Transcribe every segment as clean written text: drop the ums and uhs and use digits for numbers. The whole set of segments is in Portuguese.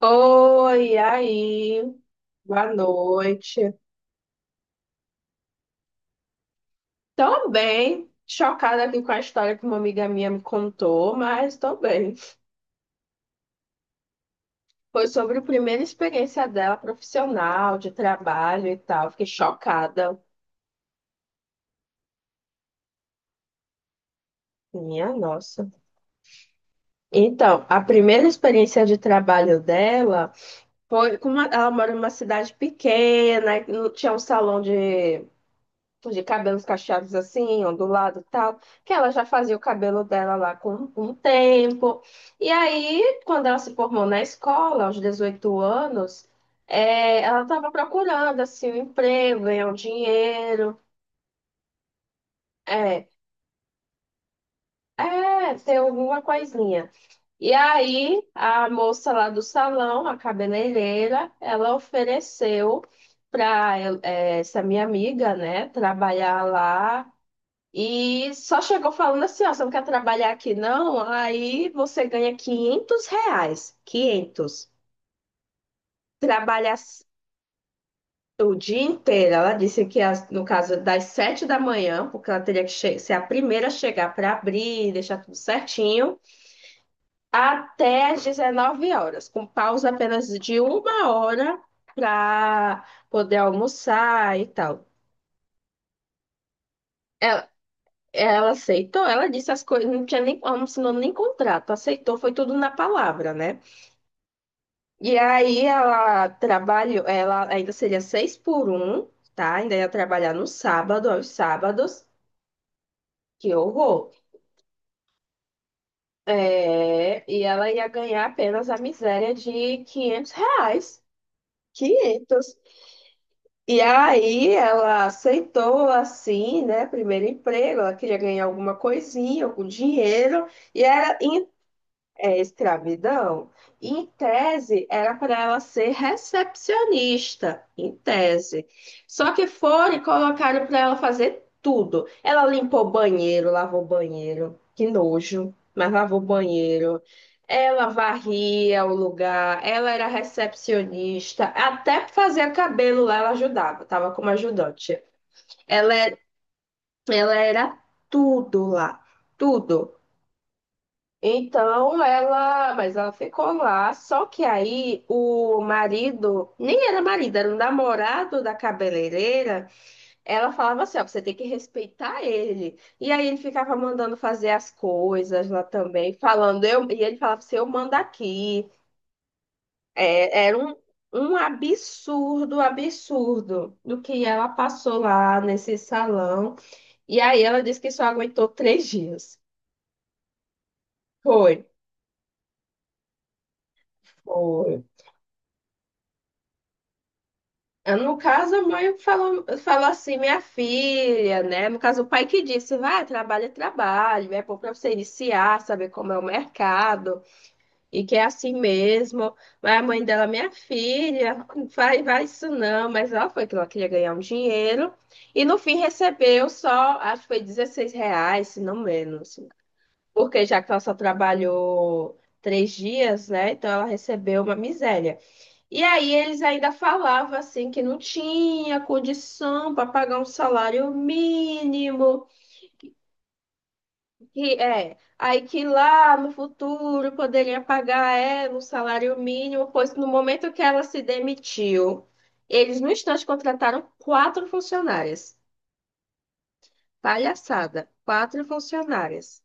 Oi, e aí, boa noite. Tô bem, chocada aqui com a história que uma amiga minha me contou, mas tô bem. Foi sobre a primeira experiência dela profissional, de trabalho e tal. Fiquei chocada. Minha nossa. Então, a primeira experiência de trabalho dela foi com uma, ela mora numa cidade pequena, não tinha um salão de tipo, de cabelos cacheados assim, ondulado e tal, que ela já fazia o cabelo dela lá com, um tempo. E aí, quando ela se formou na escola, aos 18 anos, é, ela estava procurando assim, um emprego, ganhar um dinheiro, é, é, ter alguma coisinha. E aí, a moça lá do salão, a cabeleireira, ela ofereceu para essa minha amiga, né, trabalhar lá. E só chegou falando assim, ó, você não quer trabalhar aqui não? Aí você ganha R$ 500, 500. Trabalha o dia inteiro. Ela disse que no caso das 7 da manhã, porque ela teria que ser a primeira a chegar para abrir, deixar tudo certinho, até as 19 horas, com pausa apenas de uma hora para poder almoçar e tal. É, ela aceitou, ela disse as coisas, não tinha nem, ela não assinou nem contrato, aceitou, foi tudo na palavra, né? E aí ela trabalhou, ela ainda seria seis por um, tá? Ainda ia trabalhar no sábado, aos sábados, que horror. É, e ela ia ganhar apenas a miséria de R$ 500, quinhentos. E aí ela aceitou, assim, né? Primeiro emprego, ela queria ganhar alguma coisinha, algum dinheiro, e era. É escravidão. Em tese, era para ela ser recepcionista, em tese. Só que foram e colocaram para ela fazer tudo. Ela limpou banheiro, lavou banheiro, que nojo, mas lavou banheiro. Ela varria o lugar, ela era recepcionista, até fazer cabelo lá ela ajudava, estava como ajudante. Ela, é- ela era tudo lá, tudo. Então ela, mas ela ficou lá, só que aí o marido, nem era marido, era o namorado da cabeleireira. Ela falava assim: ó, você tem que respeitar ele. E aí ele ficava mandando fazer as coisas lá também, falando, e ele falava assim: eu mando aqui. É, era um absurdo, absurdo do que ela passou lá nesse salão. E aí ela disse que só aguentou 3 dias. Foi. Foi. Ah, no caso, a mãe falou, falou assim, minha filha, né? No caso, o pai que disse, vai, trabalho, é bom para você iniciar, saber como é o mercado, e que é assim mesmo. Mas a mãe dela, minha filha, não vai, vai isso não, mas ela foi que ela queria ganhar um dinheiro, e no fim recebeu só, acho que foi R$ 16, se não menos, porque já que ela só trabalhou 3 dias, né? Então ela recebeu uma miséria. E aí eles ainda falavam assim que não tinha condição para pagar um salário mínimo, que é, aí que lá no futuro poderia pagar ela um salário mínimo, pois no momento que ela se demitiu, eles no instante contrataram quatro funcionárias. Palhaçada, quatro funcionárias.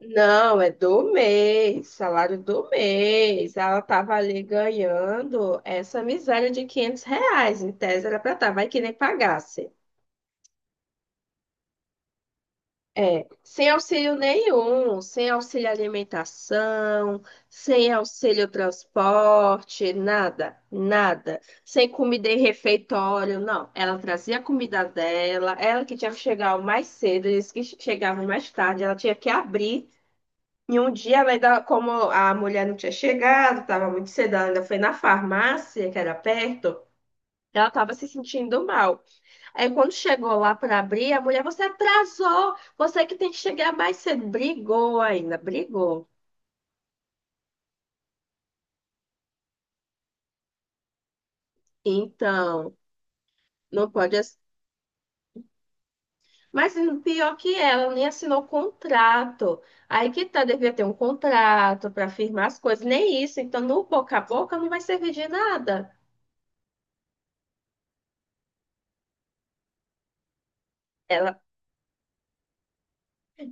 Não, é do mês, salário do mês. Ela tava ali ganhando essa miséria de R$ 500. Em tese era para estar, vai que nem pagasse. É, sem auxílio nenhum, sem auxílio alimentação, sem auxílio transporte, nada, nada. Sem comida em refeitório, não. Ela trazia a comida dela, ela que tinha que chegar mais cedo, eles que chegavam mais tarde, ela tinha que abrir. E um dia ela ainda, como a mulher não tinha chegado, estava muito cedo, ela ainda foi na farmácia, que era perto, ela estava se sentindo mal. Aí quando chegou lá para abrir, a mulher, você atrasou, você que tem que chegar mais cedo. Brigou ainda, brigou. Então, não pode. Mas pior que ela, nem assinou contrato. Aí que tá, devia ter um contrato para firmar as coisas, nem isso. Então, no boca a boca não vai servir de nada. Ela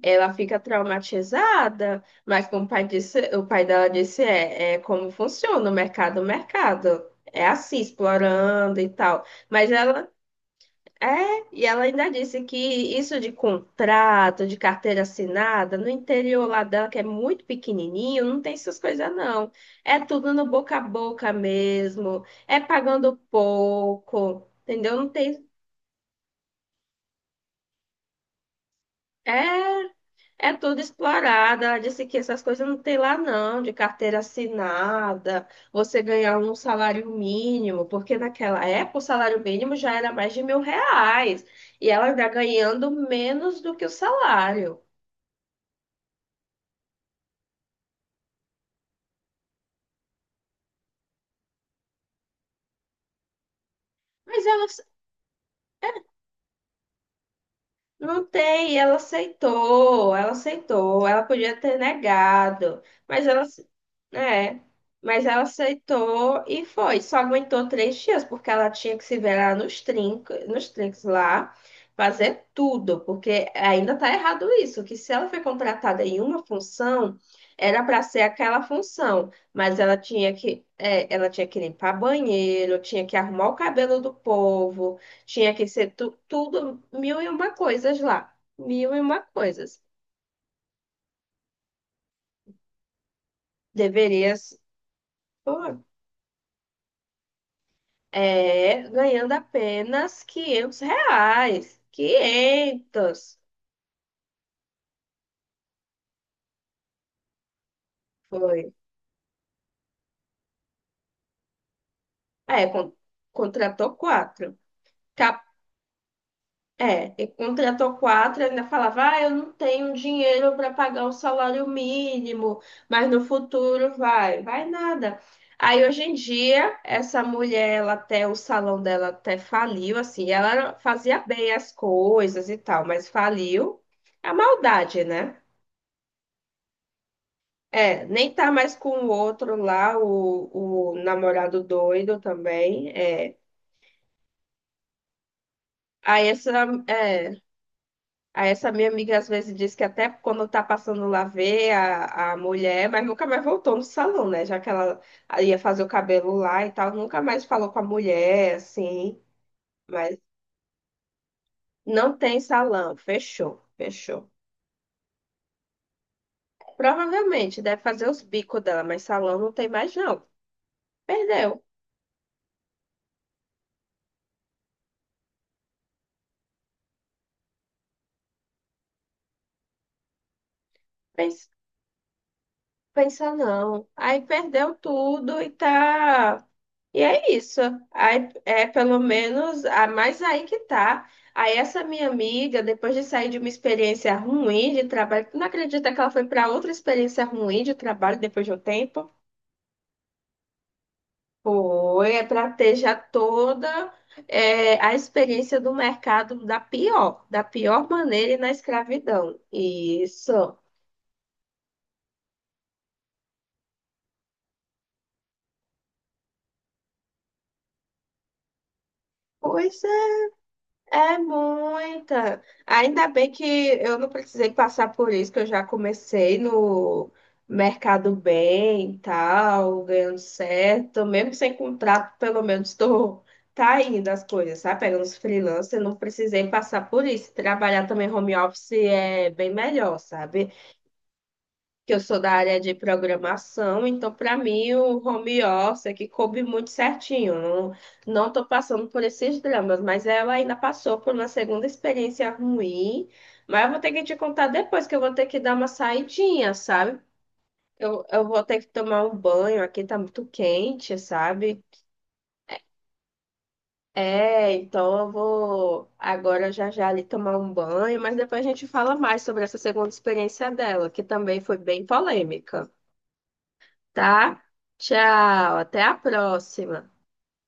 Ela fica traumatizada, mas como o pai disse, o pai dela disse, é, é como funciona o mercado, o mercado. É assim, explorando e tal. Mas ela é, e ela ainda disse que isso de contrato, de carteira assinada, no interior lá dela, que é muito pequenininho, não tem essas coisas não. É tudo no boca a boca mesmo, é pagando pouco, entendeu? Não tem. É. É tudo explorada. Ela disse que essas coisas não tem lá, não, de carteira assinada, você ganhar um salário mínimo, porque naquela época o salário mínimo já era mais de R$ 1.000, e ela ainda ganhando menos do que o salário. Mas ela. Não tem, e ela aceitou, ela aceitou, ela podia ter negado, mas ela, ace- é, mas ela aceitou e foi, só aguentou 3 dias, porque ela tinha que se ver lá nos trincos, nos trinques lá, fazer tudo, porque ainda tá errado isso, que se ela foi contratada em uma função, era para ser aquela função, mas ela tinha que, é, ela tinha que limpar banheiro, tinha que arrumar o cabelo do povo, tinha que ser tudo, mil e uma coisas lá. Mil e uma coisas. Deverias, pô, é, ganhando apenas R$ 500. Quinhentos. Foi. É, contratou quatro. Tá. É, e contratou quatro, ainda falava, ah, eu não tenho dinheiro para pagar o salário mínimo, mas no futuro vai, vai nada. Aí hoje em dia, essa mulher, ela até, o salão dela até faliu, assim, ela fazia bem as coisas e tal, mas faliu a maldade, né? É, nem tá mais com o outro lá, o namorado doido também, é. Aí essa, é, Aí essa minha amiga às vezes diz que até quando tá passando lá vê a mulher, mas nunca mais voltou no salão, né? Já que ela ia fazer o cabelo lá e tal, nunca mais falou com a mulher, assim. Mas não tem salão, fechou, fechou. Provavelmente deve fazer os bicos dela, mas salão não tem mais não. Perdeu, pensa, pensa não. Aí perdeu tudo e tá. E é isso. Aí, é pelo menos, a mais aí que tá. Aí essa minha amiga, depois de sair de uma experiência ruim de trabalho, tu não acredita que ela foi para outra experiência ruim de trabalho depois de um tempo? Foi, é para ter já toda a experiência do mercado da pior maneira e na escravidão. Isso. Pois é. É muita. Ainda bem que eu não precisei passar por isso, que eu já comecei no mercado bem e tal, ganhando certo, mesmo sem contrato, pelo menos estou tá indo as coisas, sabe? Pegando os freelancers, eu não precisei passar por isso. Trabalhar também home office é bem melhor, sabe? Que eu sou da área de programação, então para mim o home office é que coube muito certinho. Não, não estou passando por esses dramas, mas ela ainda passou por uma segunda experiência ruim, mas eu vou ter que te contar depois que eu vou ter que dar uma saidinha, sabe? Eu vou ter que tomar um banho, aqui tá muito quente, sabe? É, então eu vou agora já já ali tomar um banho, mas depois a gente fala mais sobre essa segunda experiência dela, que também foi bem polêmica. Tá? Tchau, até a próxima.